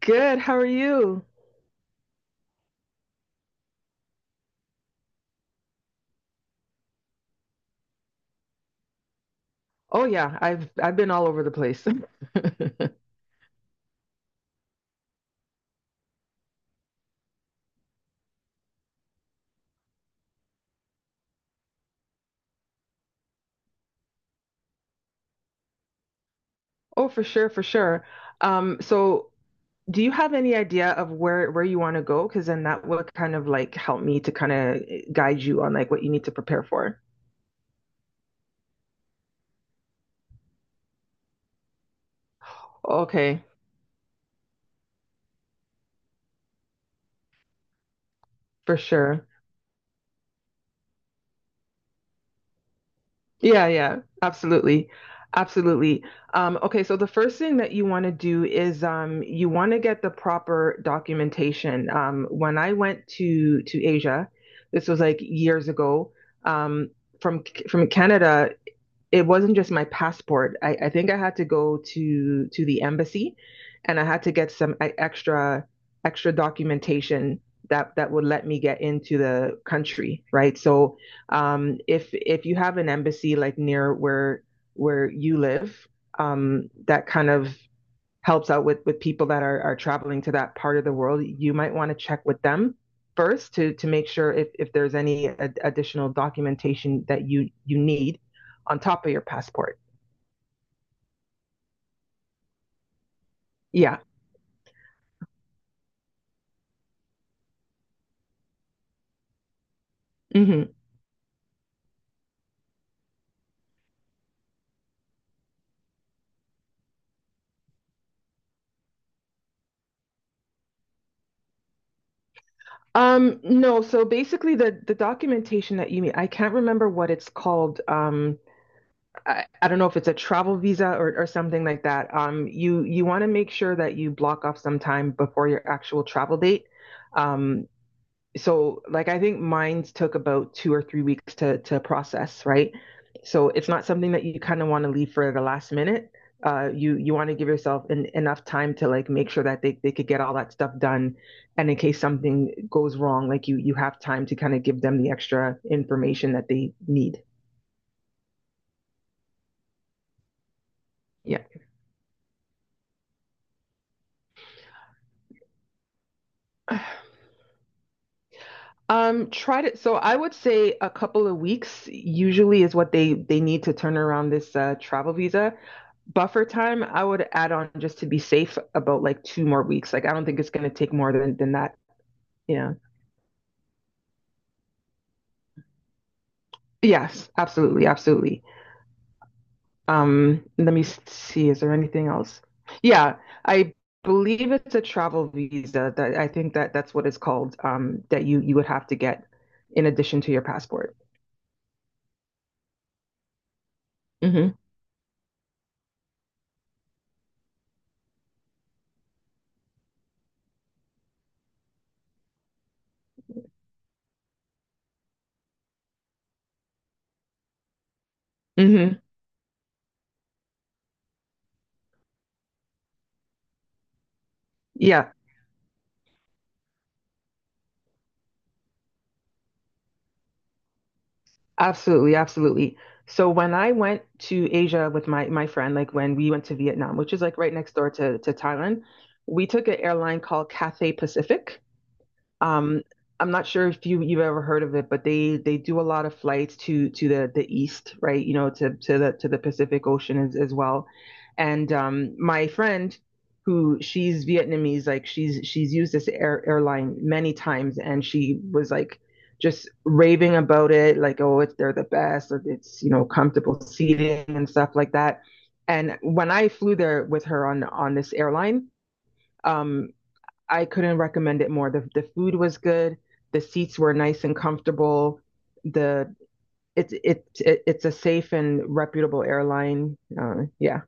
Good. How are you? Oh yeah, I've been all over the place. Oh, for sure, for sure. So do you have any idea of where you want to go? Because then that would kind of like help me to kind of guide you on like what you need to prepare for. Okay, for sure. Yeah, yeah, absolutely. Absolutely. Okay, so the first thing that you want to do is, you want to get the proper documentation. When I went to Asia, this was like years ago, um, from from Canada, it wasn't just my passport. I think I had to go to the embassy, and I had to get some extra documentation that would let me get into the country, right? So, if you have an embassy like near where you live, that kind of helps out with people that are traveling to that part of the world. You might want to check with them first to make sure if there's any additional documentation that you need on top of your passport. Yeah. Hmm. No, so basically the documentation that you need, I can't remember what it's called. I don't know if it's a travel visa or something like that. You want to make sure that you block off some time before your actual travel date, um so like I think mines took about 2 or 3 weeks to process, right? So it's not something that you kind of want to leave for the last minute. You want to give yourself enough time to like make sure that they could get all that stuff done, and in case something goes wrong, like you have time to kind of give them the extra information that they need. Yeah. Tried it. So I would say a couple of weeks usually is what they need to turn around this travel visa. Buffer time, I would add on just to be safe about like 2 more weeks. Like I don't think it's going to take more than that. Yeah. Yes, absolutely, absolutely. Let me see. Is there anything else? Yeah, I believe it's a travel visa that I think that's what it's called. That you would have to get in addition to your passport. Mm-hmm. Mm-hmm. Yeah. Absolutely, absolutely. So when I went to Asia with my friend, like when we went to Vietnam, which is like right next door to Thailand, we took an airline called Cathay Pacific. Um, I'm not sure if you've ever heard of it, but they do a lot of flights to the east, right? You know, to the Pacific Ocean as well. And my friend, who, she's Vietnamese, like she's used this airline many times, and she was like just raving about it, like, oh, it's they're the best, or it's, you know, comfortable seating and stuff like that. And when I flew there with her on this airline, um, I couldn't recommend it more. The food was good. The seats were nice and comfortable. The it's it, it it's a safe and reputable airline. Yeah,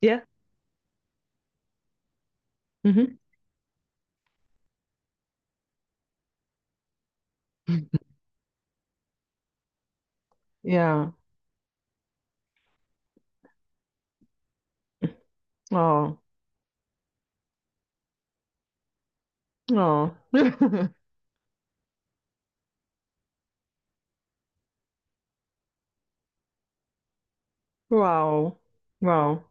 yeah, mm-hmm. Yeah. Oh, oh, wow, wow.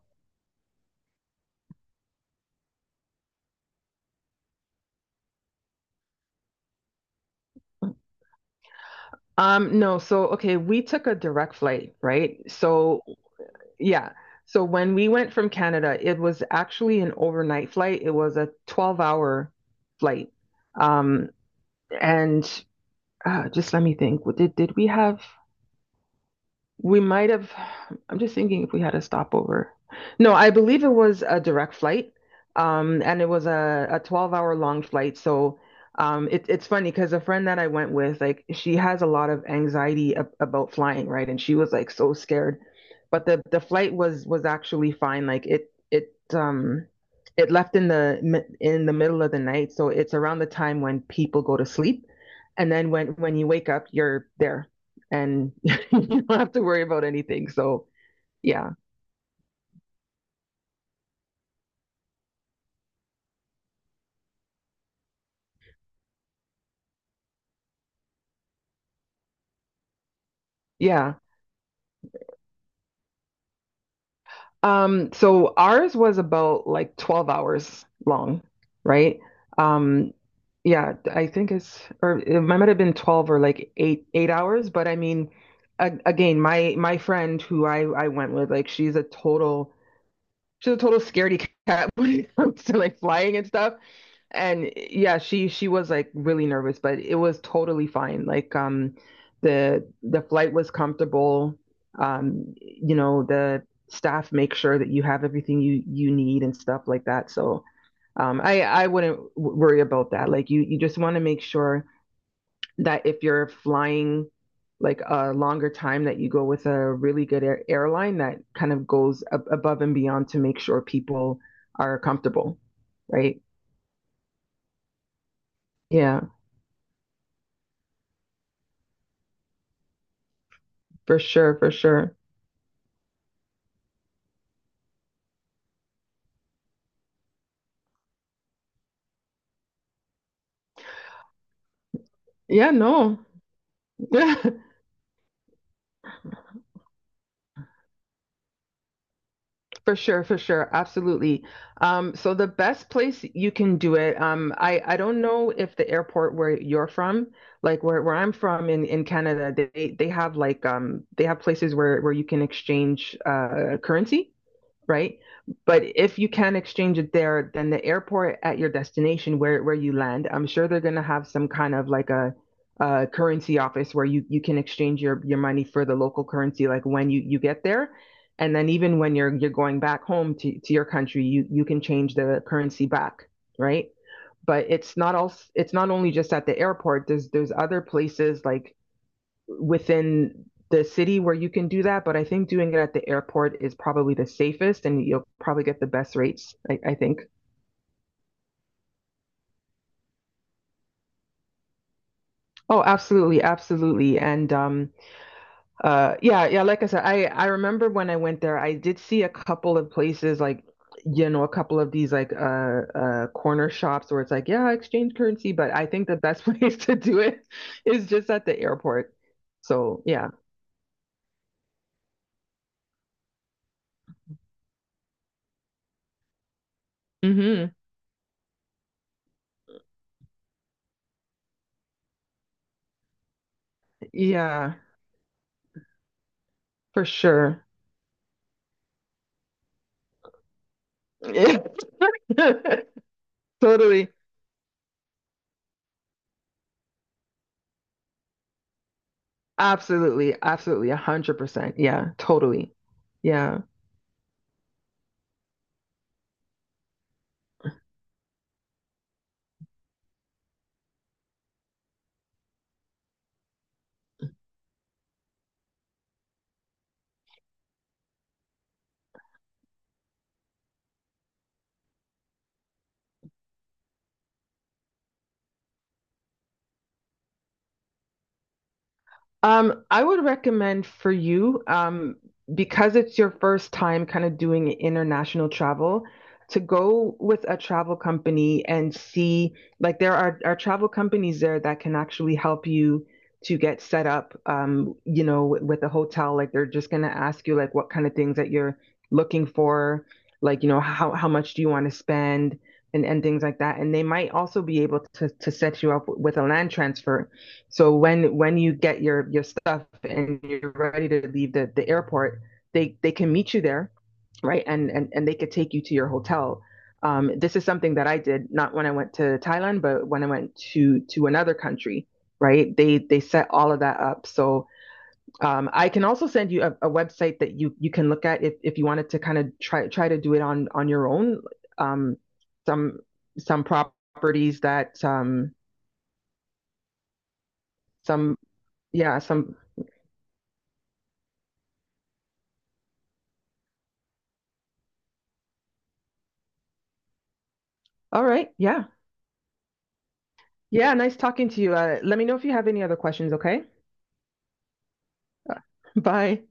No. So, okay, we took a direct flight, right? So yeah. So when we went from Canada, it was actually an overnight flight. It was a 12-hour flight. Um, and just let me think. What Did we have? We might have. I'm just thinking if we had a stopover. No, I believe it was a direct flight. And it was a 12-hour long flight. It's funny because a friend that I went with, like, she has a lot of anxiety ab about flying, right? And she was like so scared. But the flight was actually fine. Like it left in the middle of the night. So it's around the time when people go to sleep. And then when you wake up, you're there, and you don't have to worry about anything. So yeah, yeah. So ours was about like 12 hours long, right? Um, yeah, I think it's or it might have been 12 or like eight hours, but I mean, again, my friend who I went with, like, she's a total scaredy cat when it comes to like flying and stuff. And, yeah, she was like really nervous, but it was totally fine. Like, the flight was comfortable. You know, the staff make sure that you have everything you need and stuff like that. So, I wouldn't worry about that. Like, you just want to make sure that if you're flying like a longer time, that you go with a really good airline that kind of goes ab above and beyond to make sure people are comfortable, right? Yeah. For sure, for sure. Yeah, no. For sure, for sure. Absolutely. So the best place you can do it, I don't know if the airport where you're from, like where I'm from in Canada, they have like, they have places where you can exchange currency. Right? But if you can exchange it there, then the airport at your destination where you land, I'm sure they're gonna have some kind of like a currency office where you can exchange your money for the local currency like when you get there. And then even when you're going back home to your country, you can change the currency back, right? But it's not only just at the airport. There's other places like within the city where you can do that, but I think doing it at the airport is probably the safest, and you'll probably get the best rates, I think. Oh, absolutely, absolutely. And, yeah, yeah, like I said, I remember when I went there, I did see a couple of places, like, you know, a couple of these like, corner shops where it's like, yeah, exchange currency, but I think the best place to do it is just at the airport. So, yeah. Hmm. Yeah, for sure. Totally. Absolutely. Absolutely. 100%. Yeah. Totally. Yeah. I would recommend for you, because it's your first time kind of doing international travel, to go with a travel company and see, like, there are travel companies there that can actually help you to get set up, you know, with a hotel. Like, they're just gonna ask you like what kind of things that you're looking for, like, you know, how much do you want to spend, and, things like that. And they might also be able to set you up with a land transfer, so when you get your stuff and you're ready to leave the airport, they can meet you there, right? And they could take you to your hotel. This is something that I did not when I went to Thailand, but when I went to another country, right? They set all of that up. So, I can also send you a website that you can look at if you wanted to kind of try to do it on your own. Um, some some properties that, some yeah some all right, yeah. Yeah, nice talking to you. Let me know if you have any other questions, okay? Bye.